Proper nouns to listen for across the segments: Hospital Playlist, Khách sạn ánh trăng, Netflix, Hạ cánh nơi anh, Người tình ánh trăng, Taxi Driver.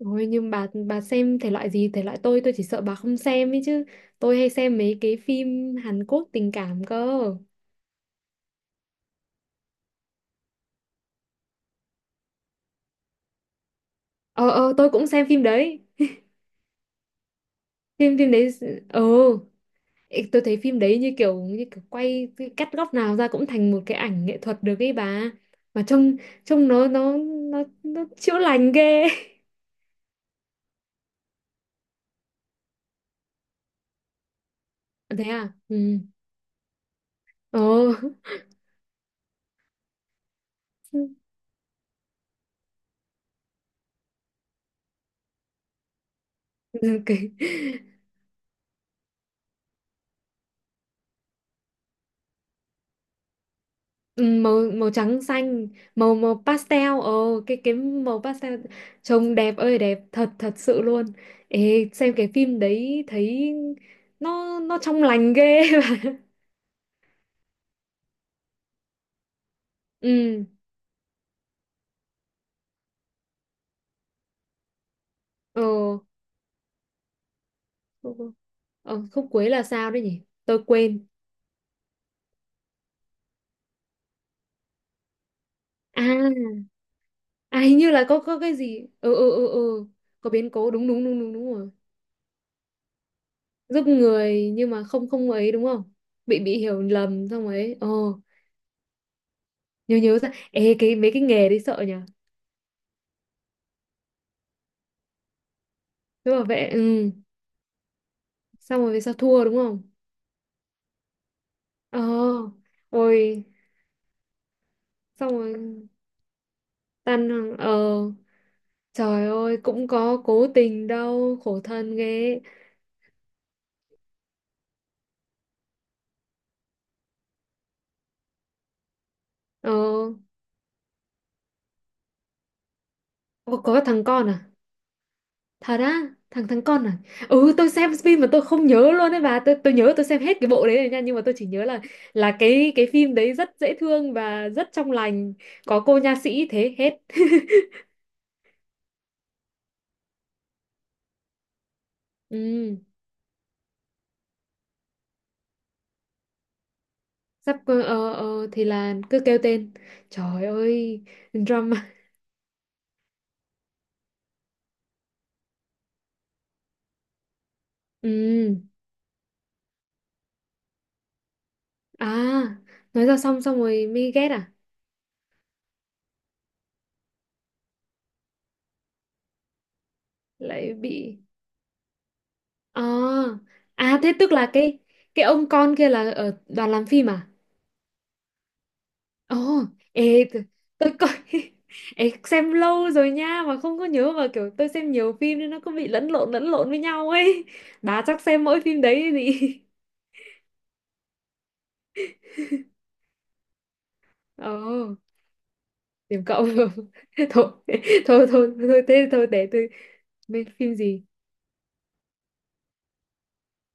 Ôi, nhưng bà xem thể loại gì, thể loại tôi chỉ sợ bà không xem ấy chứ. Tôi hay xem mấy cái phim Hàn Quốc tình cảm cơ. Ờ ờ tôi cũng xem phim đấy. Phim phim đấy. ờ Ê, tôi thấy phim đấy như kiểu quay, cái cắt góc nào ra cũng thành một cái ảnh nghệ thuật được ấy bà, mà trông trông nó, nó chữa lành ghê. Thế à? Ừ. Ờ. Ok. Ừ, màu màu trắng xanh. Màu màu pastel. Ồ, cái màu pastel. Trông đẹp ơi đẹp, thật thật sự luôn. Ê, xem cái phim đấy thấy nó trong lành ghê, mà. Ừ. Ồ. Ờ, khúc cuối là sao đấy nhỉ? Tôi quên. À, à, hình như là có cái gì. Ừ, ừ, ừ, ừ, có biến cố. Đúng, đúng, đúng, đúng, đúng rồi. Giúp người nhưng mà không không ấy đúng không? Bị hiểu lầm xong ấy. Ồ. nhớ nhớ ra. Ê, mấy cái nghề đấy sợ nhỉ. Cứ bảo vệ, ừ. Xong rồi về sau thua đúng không? Ờ. Ôi, xong rồi tan hàng. Ờ. Trời ơi, cũng có cố tình đâu, khổ thân ghê. Ờ. Có thằng con à? Thật á? Thằng thằng con à? Ừ, tôi xem phim mà tôi không nhớ luôn đấy bà, tôi nhớ tôi xem hết cái bộ đấy rồi nha, nhưng mà tôi chỉ nhớ là cái phim đấy rất dễ thương và rất trong lành. Có cô nha sĩ thế hết. Ừ. Sắp, thì là cứ kêu tên. Trời ơi, drama. Ừ. À, nói ra xong xong rồi mới ghét à? Lại bị. À. À thế tức là cái ông con kia là ở đoàn làm phim à? Ồ, ê t- tôi coi. Ê, xem lâu rồi nha mà không có nhớ, mà kiểu tôi xem nhiều phim nên nó cứ bị lẫn lộn với nhau ấy. Bà chắc xem mỗi phim đấy gì. Ồ, tìm cậu. Thôi, thôi, thôi, thôi, thế thôi để tôi. Mấy phim gì?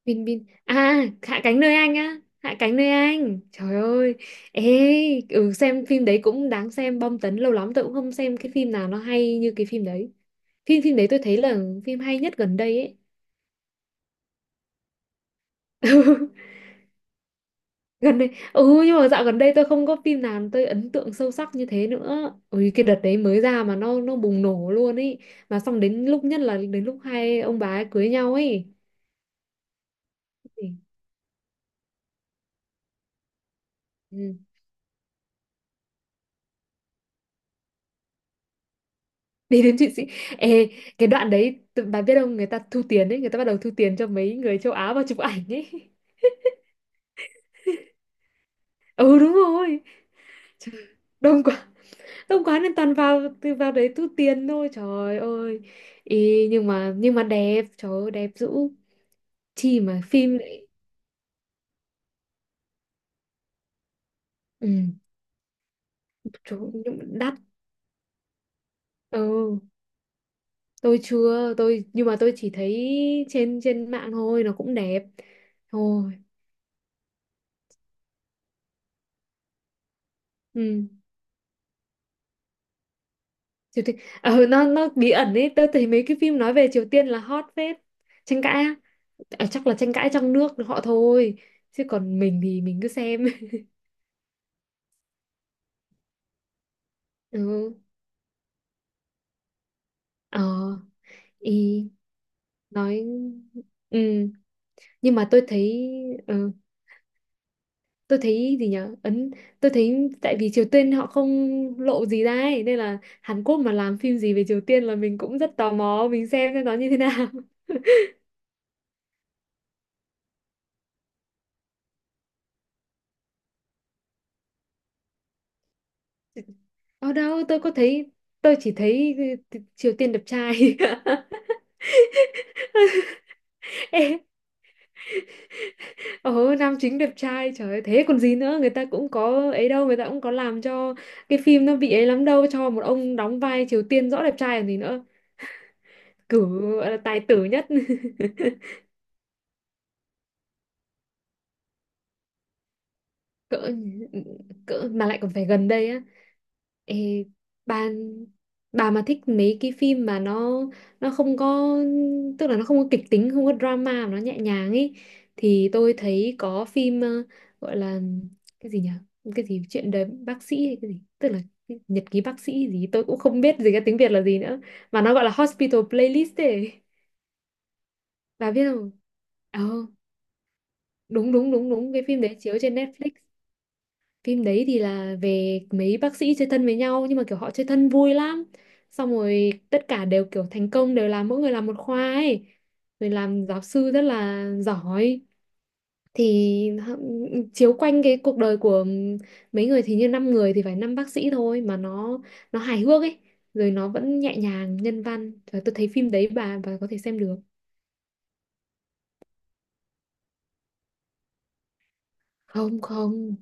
Bin Bin à? Hạ cánh nơi anh á, Hạ cánh nơi anh, trời ơi. Ê. Ừ, xem phim đấy cũng đáng xem, bom tấn, lâu lắm tôi cũng không xem cái phim nào nó hay như cái phim đấy. Phim phim đấy tôi thấy là phim hay nhất gần đây ấy. Gần đây. Ừ, nhưng mà dạo gần đây tôi không có phim nào tôi ấn tượng sâu sắc như thế nữa. Ui, cái đợt đấy mới ra mà nó bùng nổ luôn ấy. Mà xong đến lúc, nhất là đến lúc hai ông bà ấy cưới nhau ấy. Ừ. Đi đến Thụy Sĩ. Ê, cái đoạn đấy bà biết không, người ta thu tiền ấy, người ta bắt đầu thu tiền cho mấy người châu Á vào chụp ảnh ấy. Ừ, đúng rồi. Trời, đông quá, đông quá nên toàn vào, từ vào đấy thu tiền thôi, trời ơi. Ý, nhưng mà đẹp, trời ơi, đẹp dữ. Chi mà phim lại. Ừ. Trời ơi, nhưng mà đắt. Ừ, tôi chưa, tôi nhưng mà tôi chỉ thấy trên trên mạng thôi, nó cũng đẹp. Thôi. Ừ. Triều Tiên. Ờ, nó bí ẩn ấy, tôi thấy mấy cái phim nói về Triều Tiên là hot phết. Tranh cãi á. Ờ, chắc là tranh cãi trong nước họ thôi, chứ còn mình thì mình cứ xem. Ừ. ờ Ý nói. Ừ, nhưng mà tôi thấy. Ừ, tôi thấy gì nhở, tôi thấy tại vì Triều Tiên họ không lộ gì ra ấy, nên là Hàn Quốc mà làm phim gì về Triều Tiên là mình cũng rất tò mò, mình xem nó như thế nào. Ở đâu tôi có thấy, tôi chỉ thấy, ừ, Triều Tiên đẹp trai. Ê. Ừ, nam chính đẹp trai, trời ơi, thế còn gì nữa, người ta cũng có ấy đâu, người ta cũng có làm cho cái phim nó bị ấy lắm đâu, cho một ông đóng vai Triều Tiên rõ đẹp trai còn gì nữa. Cử gọi là tài tử nhất. cỡ cỡ mà lại còn phải gần đây á. Ê, bà bà mà thích mấy cái phim mà nó không có, tức là nó không có kịch tính, không có drama mà nó nhẹ nhàng ấy, thì tôi thấy có phim, gọi là cái gì nhỉ, cái gì chuyện đời bác sĩ hay cái gì, tức là cái nhật ký bác sĩ gì, tôi cũng không biết gì cái tiếng Việt là gì nữa, mà nó gọi là Hospital Playlist ấy. Bà biết không? ờ Đúng, đúng, đúng, đúng, cái phim đấy chiếu trên Netflix. Phim đấy thì là về mấy bác sĩ chơi thân với nhau, nhưng mà kiểu họ chơi thân vui lắm, xong rồi tất cả đều kiểu thành công, đều làm mỗi người làm một khoa ấy, rồi làm giáo sư rất là giỏi. Thì chiếu quanh cái cuộc đời của mấy người, thì như năm người thì phải năm bác sĩ thôi, mà nó hài hước ấy, rồi nó vẫn nhẹ nhàng, nhân văn. Trời, tôi thấy phim đấy bà có thể xem được. Không, không,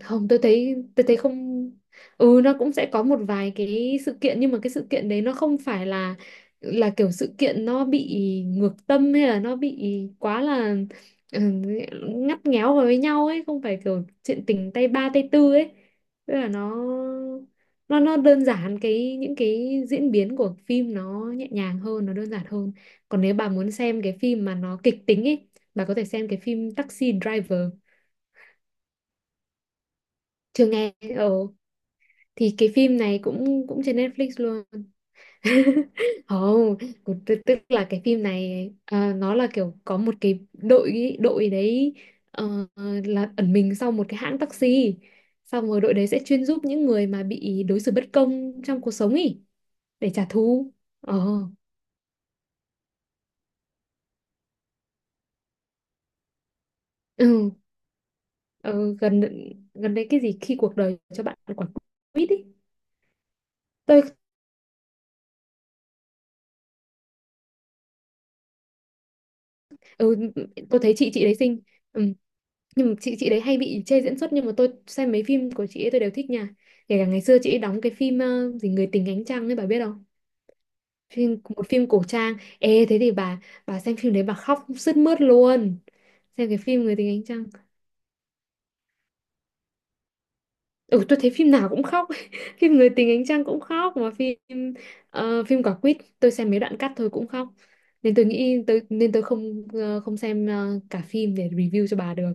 không, tôi thấy không. Ừ, nó cũng sẽ có một vài cái sự kiện, nhưng mà cái sự kiện đấy nó không phải là kiểu sự kiện nó bị ngược tâm, hay là nó bị quá là, ừ, ngắt nghéo vào với nhau ấy, không phải kiểu chuyện tình tay ba tay tư ấy, tức là nó đơn giản, cái những cái diễn biến của phim nó nhẹ nhàng hơn, nó đơn giản hơn. Còn nếu bà muốn xem cái phim mà nó kịch tính ấy, bà có thể xem cái phim Taxi Driver. Chưa nghe. Ừ, thì cái phim này cũng cũng trên Netflix luôn. Không, cũng tức tức là cái phim này, nó là kiểu có một cái đội đội đấy, ờ, là ẩn mình sau một cái hãng taxi, xong rồi đội đấy sẽ chuyên giúp những người mà bị đối xử bất công trong cuộc sống ý, để trả thù. Ờ. Ừ, ờ, gần gần đây cái gì khi cuộc đời cho bạn quả quýt ý. Tôi. Ừ, ừ, tôi thấy chị đấy xinh. Ừ. Nhưng mà chị đấy hay bị chê diễn xuất, nhưng mà tôi xem mấy phim của chị ấy tôi đều thích nha, kể cả ngày xưa chị ấy đóng cái phim, gì người tình ánh trăng ấy, bà biết không? Một phim cổ trang. Ê, thế thì bà xem phim đấy bà khóc sướt mướt luôn. Xem cái phim người tình ánh trăng. Ừ, tôi thấy phim nào cũng khóc, phim người tình ánh trăng cũng khóc, mà phim quả quýt tôi xem mấy đoạn cắt thôi cũng khóc, nên tôi nghĩ tôi nên tôi không, không xem, cả phim để review cho bà được.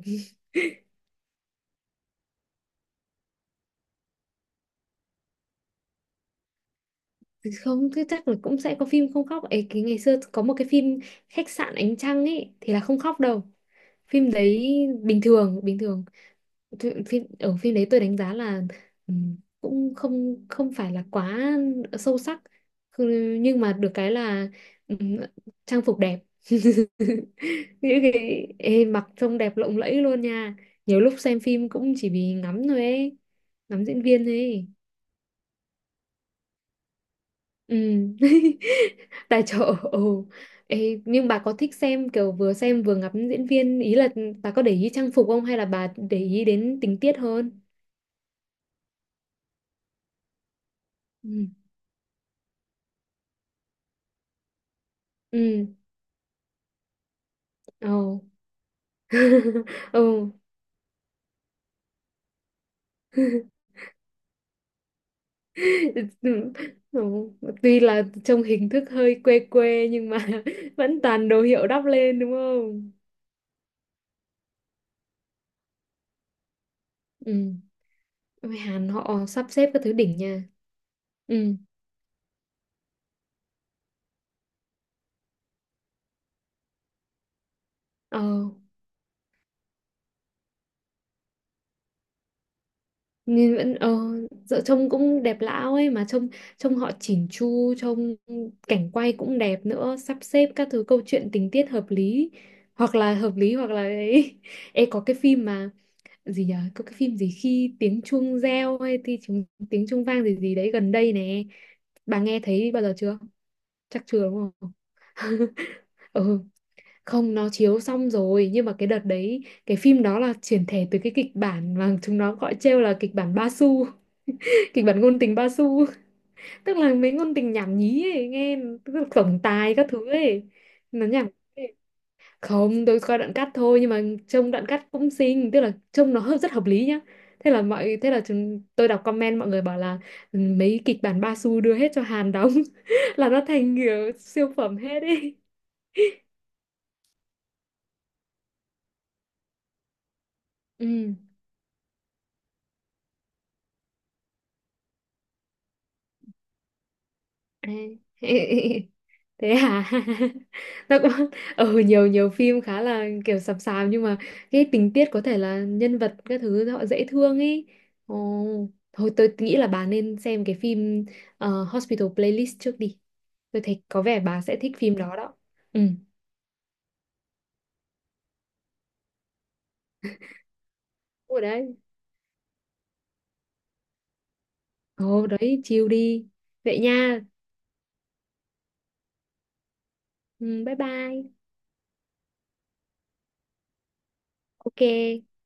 Không, thế chắc là cũng sẽ có phim không khóc ấy, cái ngày xưa có một cái phim khách sạn ánh trăng ấy thì là không khóc đâu. Phim đấy bình thường, bình thường. Phim đấy tôi đánh giá là, ừm, cũng không không phải là quá sâu sắc. Ừ, nhưng mà được cái là, ừm, trang phục đẹp. Những cái, mặc trông đẹp lộng lẫy luôn nha, nhiều lúc xem phim cũng chỉ vì ngắm thôi ấy, ngắm diễn viên thôi ấy. Ừ. Tài trợ, ừ. Ê, nhưng bà có thích xem kiểu vừa xem vừa ngắm diễn viên, ý là bà có để ý trang phục không hay là bà để ý đến tình tiết hơn? Ừ. Ừ. Ồ. Ồ. Ừ. Ừ. Tuy là trông hình thức hơi quê quê nhưng mà, vẫn toàn đồ hiệu đắp lên đúng không? Ừ. Ôi, Hàn họ sắp xếp các thứ đỉnh nha. Ừ. ờ Nhìn vẫn. Ờ dạo trông cũng đẹp lão ấy, mà trông trông họ chỉn chu, trông cảnh quay cũng đẹp nữa, sắp xếp các thứ câu chuyện tình tiết hợp lý, hoặc là hợp lý hoặc là ấy. Ê, có cái phim mà gì nhở, có cái phim gì khi tiếng chuông reo hay thì tiếng chuông vang gì gì đấy, gần đây nè, bà nghe thấy bao giờ chưa? Chắc chưa đúng không? Ừ. Không, nó chiếu xong rồi, nhưng mà cái đợt đấy cái phim đó là chuyển thể từ cái kịch bản mà chúng nó gọi trêu là kịch bản Ba Su, kịch bản ngôn tình ba xu. Tức là mấy ngôn tình nhảm nhí ấy nghe, tức là tổng tài các thứ ấy, nó nhảm nhí ấy. Không, tôi coi đoạn cắt thôi, nhưng mà trông đoạn cắt cũng xinh, tức là trông nó rất hợp lý nhá. Thế là mọi thế là chúng, Tôi đọc comment mọi người bảo là, "Ừ, mấy kịch bản ba xu đưa hết cho Hàn đóng," là nó thành kiểu siêu phẩm hết ấy. Ừ. Ê. Thế hả? Nó cũng, ừ, nhiều nhiều phim khá là kiểu sập sàm, nhưng mà cái tình tiết có thể là nhân vật các thứ họ dễ thương ấy. Ồ, thôi tôi nghĩ là bà nên xem cái phim, Hospital Playlist trước đi, tôi thấy có vẻ bà sẽ thích phim đó đó. Ừ. Ủa đấy. Ồ đấy, chill đi, vậy nha. Ừ, bye bye. Ok.